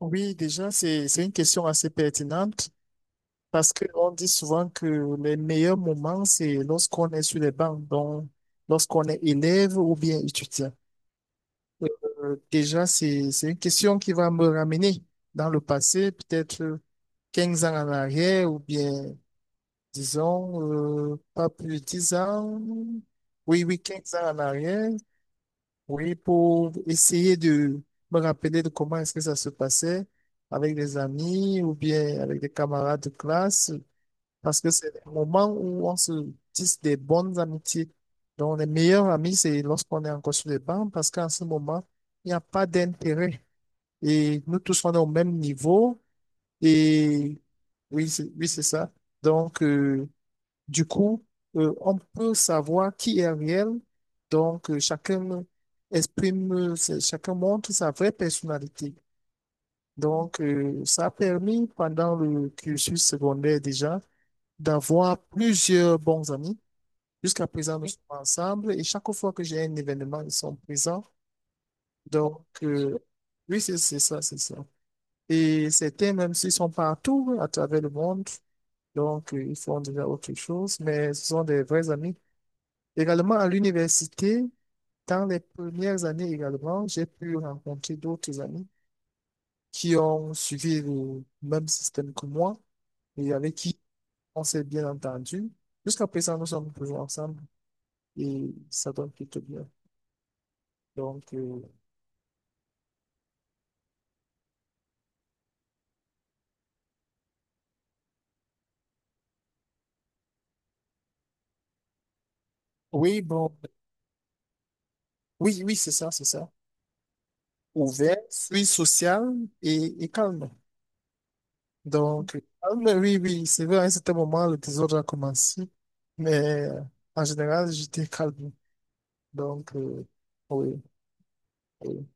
Oui, déjà, c'est une question assez pertinente parce qu'on dit souvent que les meilleurs moments, c'est lorsqu'on est sur les bancs, donc lorsqu'on est élève ou bien étudiant. Oui. Déjà, c'est une question qui va me ramener dans le passé, peut-être 15 ans en arrière ou bien, disons, pas plus de 10 ans. Oui, oui, 15 ans en arrière. Oui, pour essayer de me rappeler de comment est-ce que ça se passait avec des amis ou bien avec des camarades de classe, parce que c'est des moments où on se tisse des bonnes amitiés. Donc, les meilleurs amis, c'est lorsqu'on est encore sur les bancs, parce qu'en ce moment, il n'y a pas d'intérêt. Et nous tous, on est au même niveau. Et oui, c'est ça. Donc, euh, du coup, on peut savoir qui est réel. Donc, chacun exprime, chacun montre sa vraie personnalité. Donc, ça a permis pendant le cursus secondaire déjà d'avoir plusieurs bons amis. Jusqu'à présent, nous sommes ensemble et chaque fois que j'ai un événement, ils sont présents. Donc, euh, oui, c'est ça, c'est ça. Et certains, même s'ils sont partout à travers le monde, donc ils font déjà autre chose, mais ce sont des vrais amis. Également à l'université, dans les premières années également, j'ai pu rencontrer d'autres amis qui ont suivi le même système que moi et avec qui on s'est bien entendu. Jusqu'à présent, nous sommes toujours ensemble et ça donne plutôt bien. Donc, euh, oui, bon, oui, oui, c'est ça, c'est ça. Ouvert, suis social et calme. Donc, calme, oui, oui, c'est vrai, à un certain moment, le désordre a commencé, mais en général, j'étais calme. Donc, euh, oui. Oui,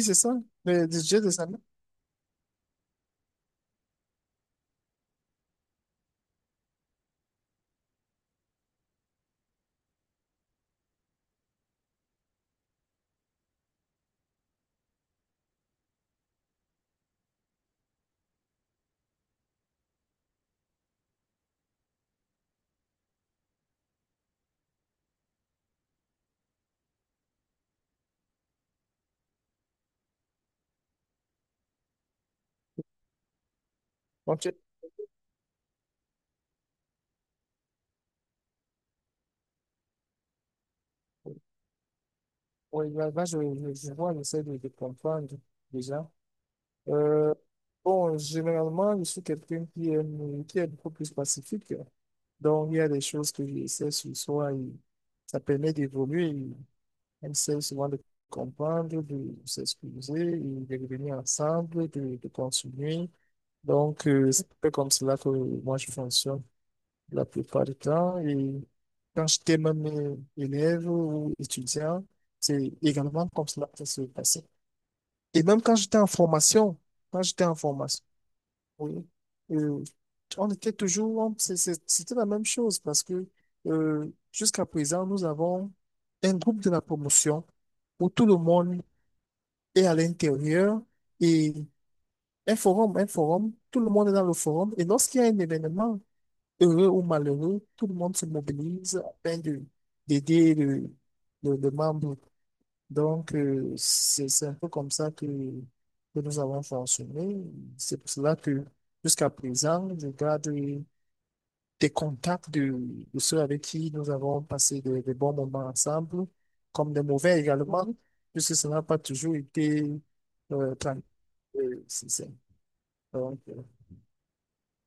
c'est ça, le budget de Samuel. Ok. Oui, là, là, je vois, j'essaie de comprendre déjà. Euh, bon, généralement, je suis quelqu'un qui aime, qui est beaucoup plus pacifique. Donc, il y a des choses que j'essaie sur soi et ça permet d'évoluer. Et on essaie souvent de comprendre, de s'excuser, et de revenir ensemble, de continuer. Donc, c'est un peu comme cela que moi je fonctionne la plupart du temps. Et quand j'étais même élève ou étudiant, c'est également comme cela que ça se passait. Et même quand j'étais en formation, quand j'étais en formation, oui, euh, on était toujours, c'était la même chose parce que jusqu'à présent, nous avons un groupe de la promotion où tout le monde est à l'intérieur et un forum, tout le monde est dans le forum. Et lorsqu'il y a un événement, heureux ou malheureux, tout le monde se mobilise afin de d'aider le membre. Donc, c'est un peu comme ça que nous avons fonctionné. C'est pour cela que jusqu'à présent, je garde des contacts de ceux avec qui nous avons passé de bons moments ensemble, comme des mauvais également, puisque ça n'a pas toujours été tranquille. C'est ça. Donc,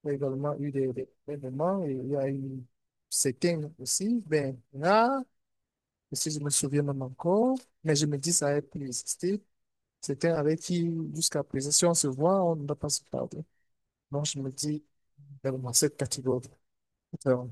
il y a également eu des événements, il y a eu certaines aussi, ben, là si je me souviens même encore, mais je me dis ça a pu exister. C'était avec qui, jusqu'à présent, si on se voit, on ne va pas se parler. Donc, je me dis, également, cette catégorie. Alors,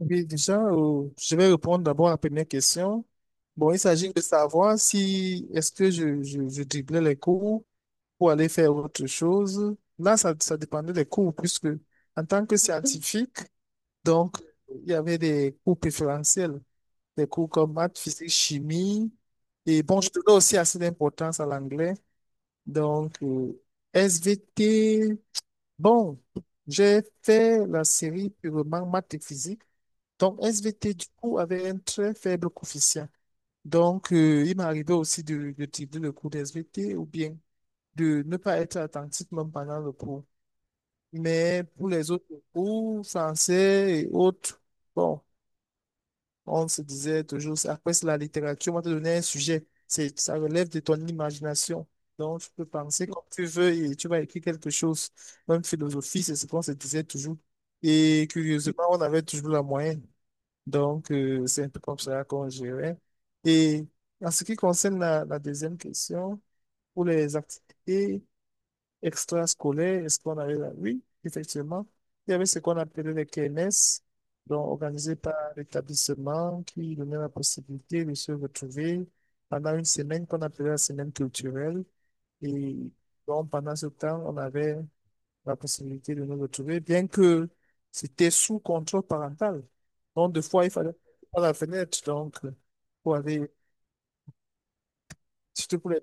oui, déjà, je vais répondre d'abord à la première question. Bon, il s'agit de savoir si, est-ce que je driblais les cours pour aller faire autre chose. Là, ça dépendait des cours, puisque en tant que scientifique. Donc, il y avait des cours préférentiels, des cours comme maths, physique, chimie. Et bon, je donnais aussi assez d'importance à l'anglais. Donc, SVT, bon, j'ai fait la série purement maths et physique. Donc, SVT, du coup, avait un très faible coefficient. Donc, il m'est arrivé aussi de tirer le cours d'SVT ou bien de ne pas être attentif même pendant le cours. Mais pour les autres cours, français et autres, bon. On se disait toujours, après c'est la littérature, on va te donner un sujet. Ça relève de ton imagination. Donc, tu peux penser comme tu veux et tu vas écrire quelque chose. Même philosophie, c'est ce qu'on se disait toujours. Et curieusement, on avait toujours la moyenne. Donc, c'est un peu comme ça qu'on gérait. Et en ce qui concerne la, la deuxième question, pour les activités extrascolaire, est-ce qu'on avait là? Oui, effectivement. Il y avait ce qu'on appelait les KNS, donc organisés par l'établissement qui donnait la possibilité de se retrouver pendant une semaine qu'on appelait la semaine culturelle. Et donc, pendant ce temps, on avait la possibilité de nous retrouver, bien que c'était sous contrôle parental. Donc, des fois, il fallait pas la fenêtre, donc, pour aller, surtout pour les...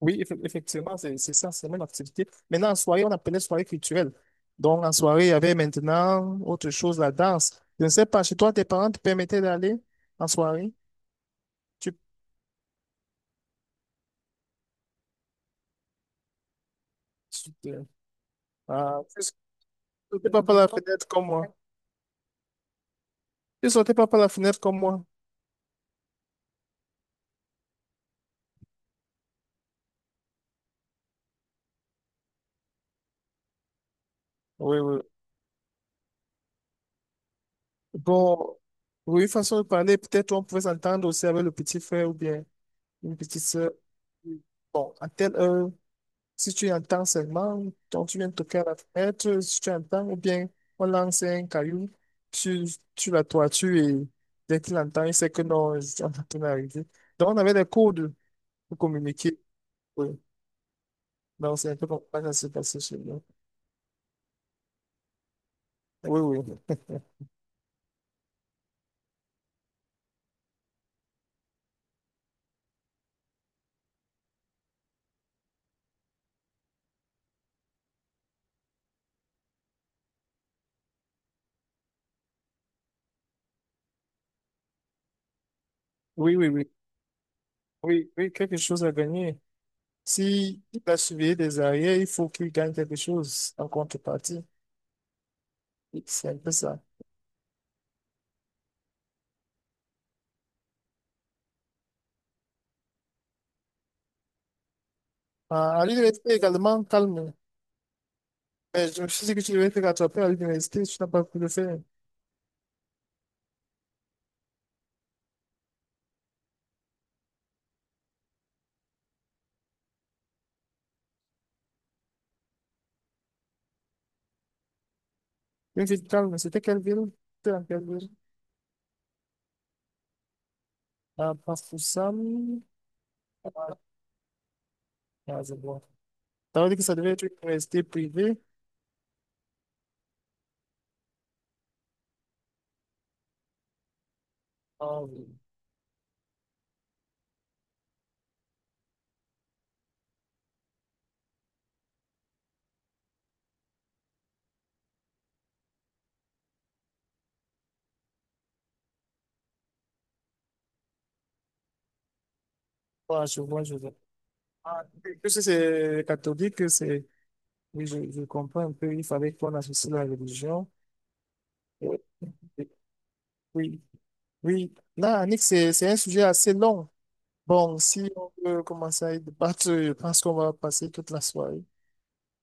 Oui, effectivement, c'est ça, c'est la même activité. Maintenant, en soirée, on appelait soirée culturelle. Donc, en soirée, il y avait maintenant autre chose, la danse. Je ne sais pas, chez toi, tes parents te permettaient d'aller en soirée? Tu, tu, te- ah, tu sautais pas par la fenêtre comme moi. Tu sautais pas par la fenêtre comme moi. Oui, oui. Bon, oui, façon de parler, peut-être on pouvait s'entendre aussi avec le petit frère ou bien une petite sœur. Bon, à telle heure. Si tu entends seulement, donc tu viens de toquer à la fenêtre, si tu entends, ou bien on lance un caillou sur, sur la toiture et dès qu'il entend, il sait que non, on est en train d'arriver. Donc on avait des codes pour communiquer. Oui. Donc c'est un peu comme ça que ça s'est passé chez nous. Oui, oui. Oui, oui, oui. Oui, oui, quelque chose à gagner. Si il va surveiller des arrières, il faut qu'il gagne quelque chose en contrepartie. Oui, c'est un peu ça. Ah, à l'université également, calme. Mais je me suis dit que tu devais te rattraper à l'université, tu n'as pas pu le faire. Une ville calme, c'était quelle ville? C'était dans quelle ville? À Pafoussam? Ah, je vois. T'avais dit que ça devait être une université privée? Ah oui. Ah, je vois, je vois. Ah, que si c'est catholique, c'est... Oui, je comprends un peu, il fallait qu'on associe la religion. Et- oui, oui. Là, Annick, c'est un sujet assez long. Bon, si on veut commencer à y débattre, je pense qu'on va passer toute la soirée.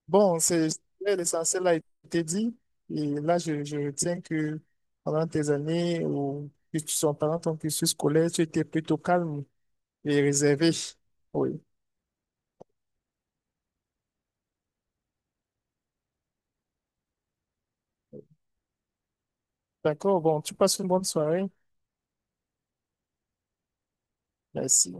Bon, l'essentiel a été dit. Et là, je retiens que pendant tes années ou que tu sois pendant ton cursus scolaire, tu étais plutôt calme et réservé. Oui. D'accord. Bon, tu passes une bonne soirée. Merci.